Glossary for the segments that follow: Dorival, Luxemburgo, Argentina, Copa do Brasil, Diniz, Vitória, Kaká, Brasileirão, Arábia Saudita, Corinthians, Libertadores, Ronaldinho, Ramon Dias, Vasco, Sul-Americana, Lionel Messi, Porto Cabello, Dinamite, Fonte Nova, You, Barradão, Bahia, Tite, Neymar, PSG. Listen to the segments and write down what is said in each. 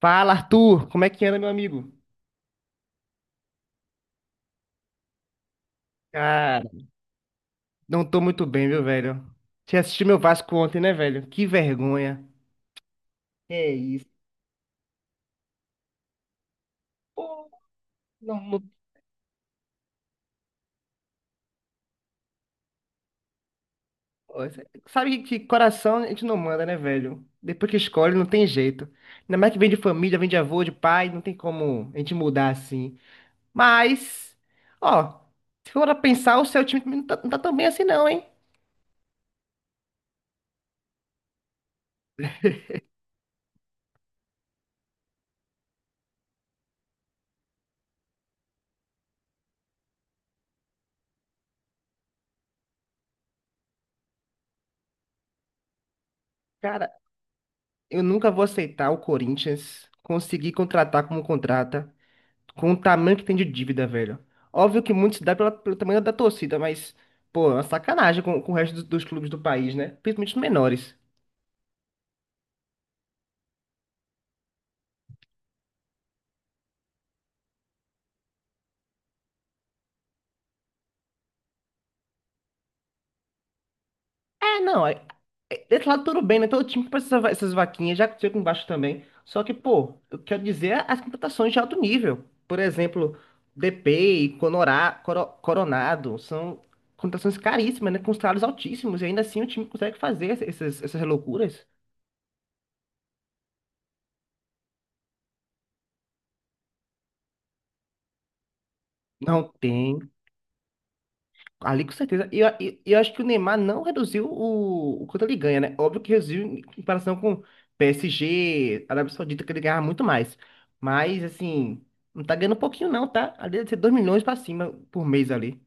Fala, Arthur! Como é que anda, meu amigo? Cara, não tô muito bem, viu, velho? Você assistiu meu Vasco ontem, né, velho? Que vergonha. É isso. Pô, não, não- Sabe que coração a gente não manda, né, velho? Depois que escolhe, não tem jeito. Ainda mais que vem de família, vem de avô, de pai, não tem como a gente mudar assim. Mas, ó, se for pra pensar, o seu time não tá tão bem assim, não, hein? Cara, eu nunca vou aceitar o Corinthians conseguir contratar como contrata, com o tamanho que tem de dívida, velho. Óbvio que muito se dá pelo tamanho da torcida, mas, pô, é uma sacanagem com o resto dos clubes do país, né? Principalmente os menores. É, não, é, é- Desse lado tudo bem, né? Todo time que precisa essas vaquinhas, já aconteceu com o Vasco também. Só que, pô, eu quero dizer é as contratações de alto nível. Por exemplo, DP, Conorá, Coronado, são contratações caríssimas, né? Com salários altíssimos, e ainda assim o time consegue fazer essas loucuras. Não tem. Ali com certeza. E eu acho que o Neymar não reduziu o quanto ele ganha, né? Óbvio que reduziu em comparação com PSG, Arábia Saudita, que ele ganhava muito mais. Mas, assim, não tá ganhando pouquinho, não, tá? Ali deve ser 2 milhões pra cima por mês ali.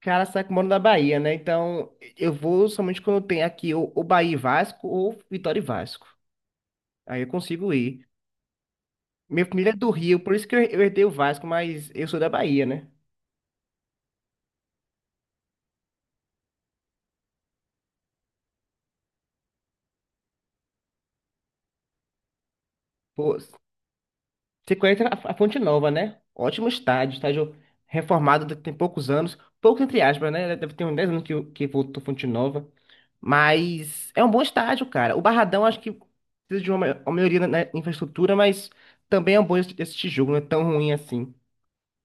Cara, sabe que eu moro na Bahia, né? Então, eu vou somente quando tem aqui ou Bahia e Vasco ou Vitória e Vasco. Aí eu consigo ir. Minha família é do Rio, por isso que eu herdei o Vasco, mas eu sou da Bahia, né? Pô, você conhece a Fonte Nova, né? Ótimo estádio, estádio reformado tem poucos anos, poucos entre aspas, né? Deve ter uns 10 anos que, que voltou Fonte Nova. Mas é um bom estádio, cara. O Barradão acho que precisa de uma, uma melhoria na infraestrutura, mas também é um bom esse tijolo, não é tão ruim assim.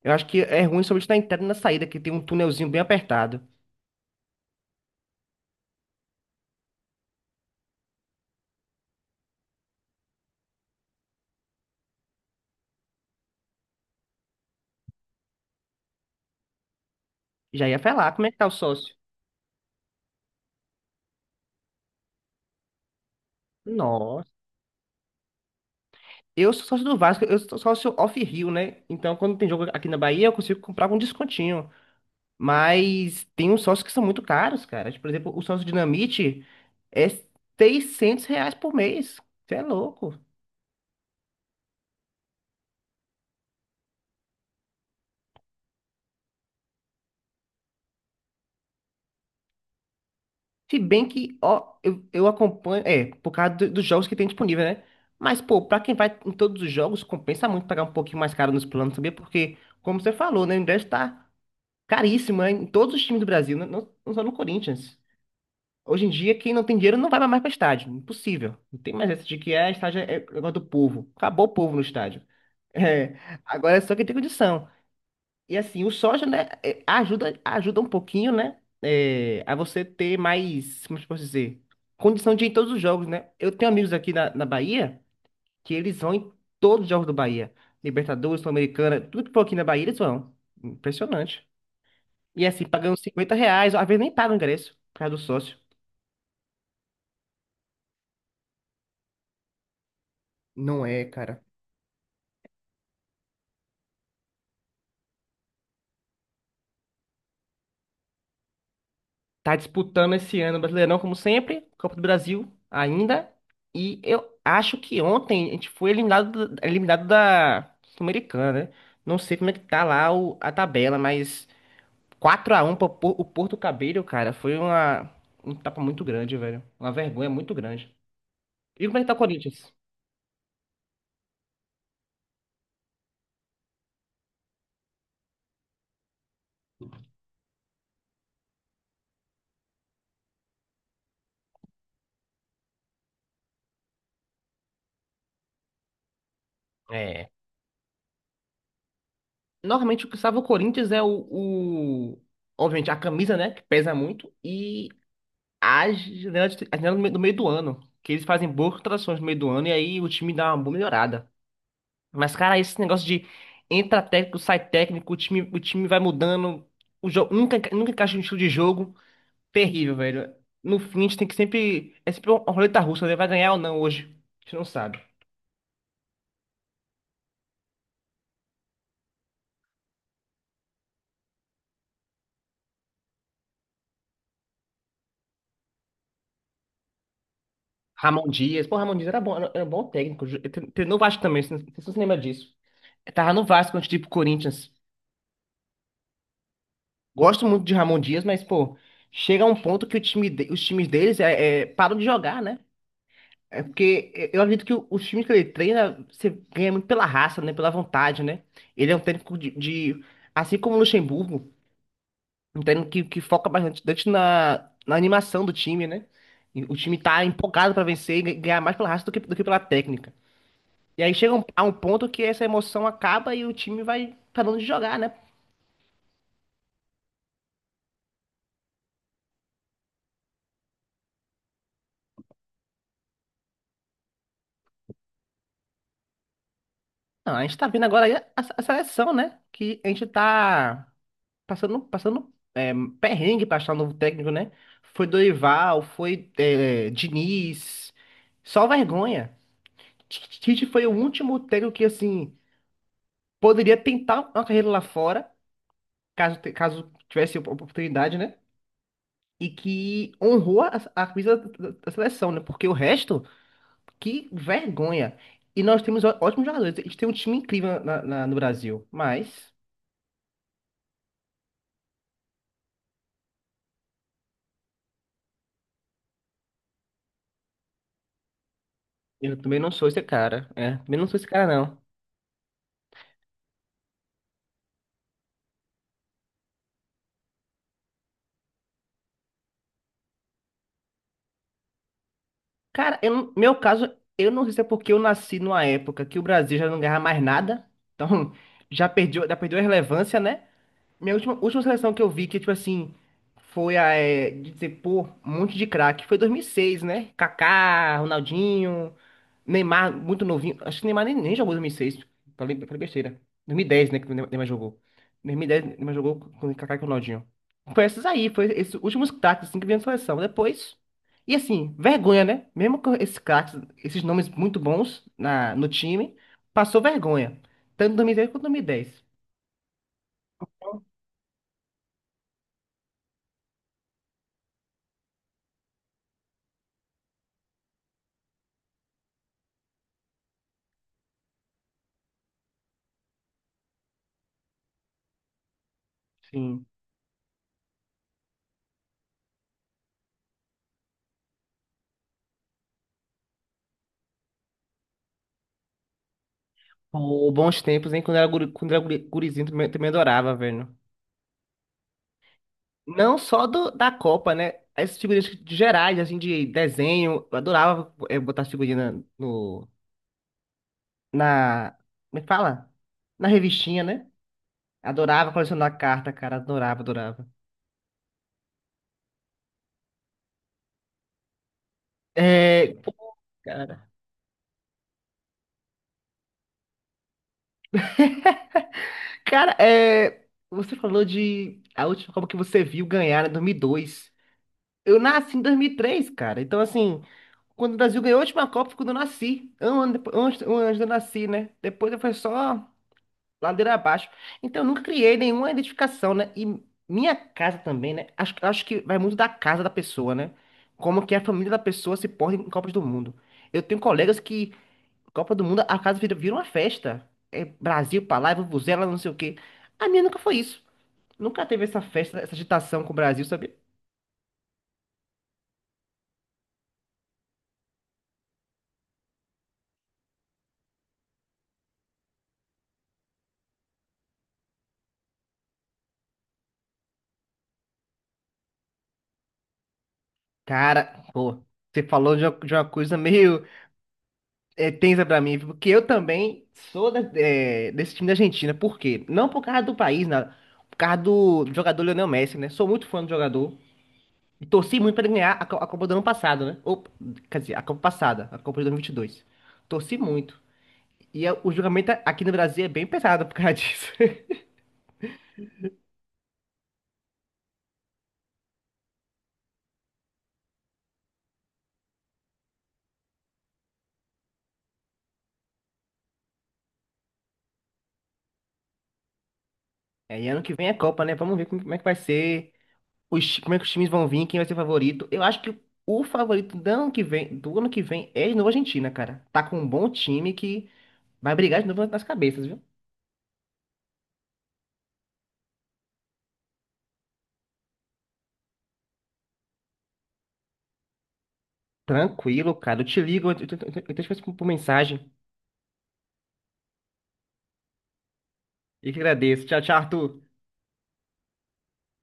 Eu acho que é ruim somente na entrada e na saída, que tem um túnelzinho bem apertado. Já ia falar, como é que tá o sócio? Nossa. Eu sou sócio do Vasco, eu sou sócio off-Rio, né? Então, quando tem jogo aqui na Bahia, eu consigo comprar com descontinho. Mas tem uns sócios que são muito caros, cara. Tipo, por exemplo, o sócio Dinamite é R$ 600 por mês. Você é louco. Se bem que, ó, eu acompanho, é, por causa dos jogos que tem disponível, né? Mas, pô, pra quem vai em todos os jogos, compensa muito pagar um pouquinho mais caro nos planos, sabia? Porque, como você falou, né, o ingresso tá caríssimo, né, em todos os times do Brasil, não só no Corinthians. Hoje em dia, quem não tem dinheiro não vai mais para estádio. Impossível. Não tem mais essa de que é estádio é negócio do povo. Acabou o povo no estádio. É, agora é só quem tem condição. E assim, o soja, né, é, ajuda um pouquinho, né, é, a você ter mais, como eu posso dizer, condição de ir em todos os jogos, né? Eu tenho amigos aqui na Bahia que eles vão em todos os jogos do Bahia. Libertadores, Sul-Americana, tudo que for aqui na Bahia eles vão. Impressionante. E assim, pagando R$ 50, às vezes nem paga o ingresso, por causa do sócio. Não é, cara. Tá disputando esse ano o Brasileirão, como sempre, Copa do Brasil ainda. E eu acho que ontem a gente foi eliminado, eliminado da Sul-Americana, né? Não sei como é que tá lá a tabela, mas 4-1 pro o Porto Cabello, cara, foi uma, um tapa muito grande, velho. Uma vergonha muito grande. E como é que tá o Corinthians? É. Normalmente o que salva o Corinthians é o- obviamente, a camisa, né? Que pesa muito. E a janela, a janela do meio do ano. Que eles fazem boas contratações no meio do ano e aí o time dá uma boa melhorada. Mas, cara, esse negócio de entra técnico, sai técnico, o time vai mudando, o jogo nunca, nunca encaixa no estilo de jogo. Terrível, velho. No fim, a gente tem que sempre. É sempre uma roleta russa, né? Vai ganhar ou não hoje? A gente não sabe. Ramon Dias. Pô, Ramon Dias era bom, era um bom técnico. Ele treinou o Vasco também, você não se lembra disso. Tava no Vasco antes de ir pro Corinthians. Gosto muito de Ramon Dias, mas, pô, chega um ponto que o time os times deles param de jogar, né? É porque eu acredito que os times que ele treina, você ganha muito pela raça, né? Pela vontade, né? Ele é um técnico assim como o Luxemburgo, um técnico que foca bastante na animação do time, né? E o time tá empolgado pra vencer e ganhar mais pela raça do que pela técnica. E aí chega a um ponto que essa emoção acaba e o time vai parando de jogar, né? Não, a gente tá vendo agora a seleção, né? Que a gente tá passando, passando perrengue para achar um novo técnico, né? Foi Dorival, foi Diniz, só vergonha. Tite foi o último técnico que, assim, poderia tentar uma carreira lá fora, caso, caso tivesse oportunidade, né? E que honrou a camisa da seleção, né? Porque o resto, que vergonha. E nós temos ótimos jogadores. A gente tem um time incrível no Brasil. Mas eu também não sou esse cara, né? Também não sou esse cara. Cara, eu, não- meu caso, eu não sei se é porque eu nasci numa época que o Brasil já não ganhava mais nada, então já perdeu a relevância, né? Minha última seleção que eu vi que, tipo assim, foi a, é, de dizer, pô, um monte de craque, foi 2006, né? Kaká, Ronaldinho, Neymar, muito novinho. Acho que Neymar nem jogou em 2006. Falei, falei besteira. 2010, né? Que o Neymar jogou. 2010, Neymar jogou com o Kaká e com o Ronaldinho. Foi esses aí, foi esses últimos craques assim, que vieram na seleção. Depois. E assim, vergonha, né? Mesmo com esses craques, esses nomes muito bons na, no time, passou vergonha. Tanto em 2010 quanto em 2010. Sim. Pô, bons tempos, hein? Quando era, guri, quando era gurizinho, também, também adorava, velho. Não só da Copa, né? As figurinhas de gerais, assim, de desenho. Eu adorava botar as figurinhas na- no, na. Me fala? Na revistinha, né? Adorava colecionar carta, cara. Adorava, adorava. É. Pô, Cara, cara, é. Você falou de a última Copa que você viu ganhar, né? 2002. Eu nasci em 2003, cara. Então, assim, quando o Brasil ganhou a última Copa, foi quando eu nasci. Um ano depois, um ano antes de eu nasci, né? Depois foi só. Ladeira abaixo. Então, eu nunca criei nenhuma identificação, né? E minha casa também, né? Acho que vai muito da casa da pessoa, né? Como que a família da pessoa se porta em Copas do Mundo. Eu tenho colegas que, Copa do Mundo, a casa vira uma festa. É Brasil pra lá, é vuvuzela, não sei o quê. A minha nunca foi isso. Nunca teve essa festa, essa agitação com o Brasil, sabe? Cara, pô, você falou de uma coisa meio é tensa pra mim, porque eu também sou é, desse time da Argentina. Por quê? Não por causa do país, nada. Por causa do jogador Lionel Messi, né? Sou muito fã do jogador. E torci muito pra ele ganhar a, a Copa do ano passado, né? Ou, quer dizer, a Copa passada, a Copa de 2022. Torci muito. O julgamento aqui no Brasil é bem pesado por causa disso. É, e ano que vem é Copa, né? Vamos ver como, como é que vai ser, os, como é que os times vão vir, quem vai ser favorito. Eu acho que o favorito do ano que vem, do ano que vem é de novo a Argentina, cara. Tá com um bom time que vai brigar de novo nas cabeças, viu? Tranquilo, cara. Eu te ligo, eu te escrevo por mensagem. E que agradeço. Tchau, tchau, Arthur.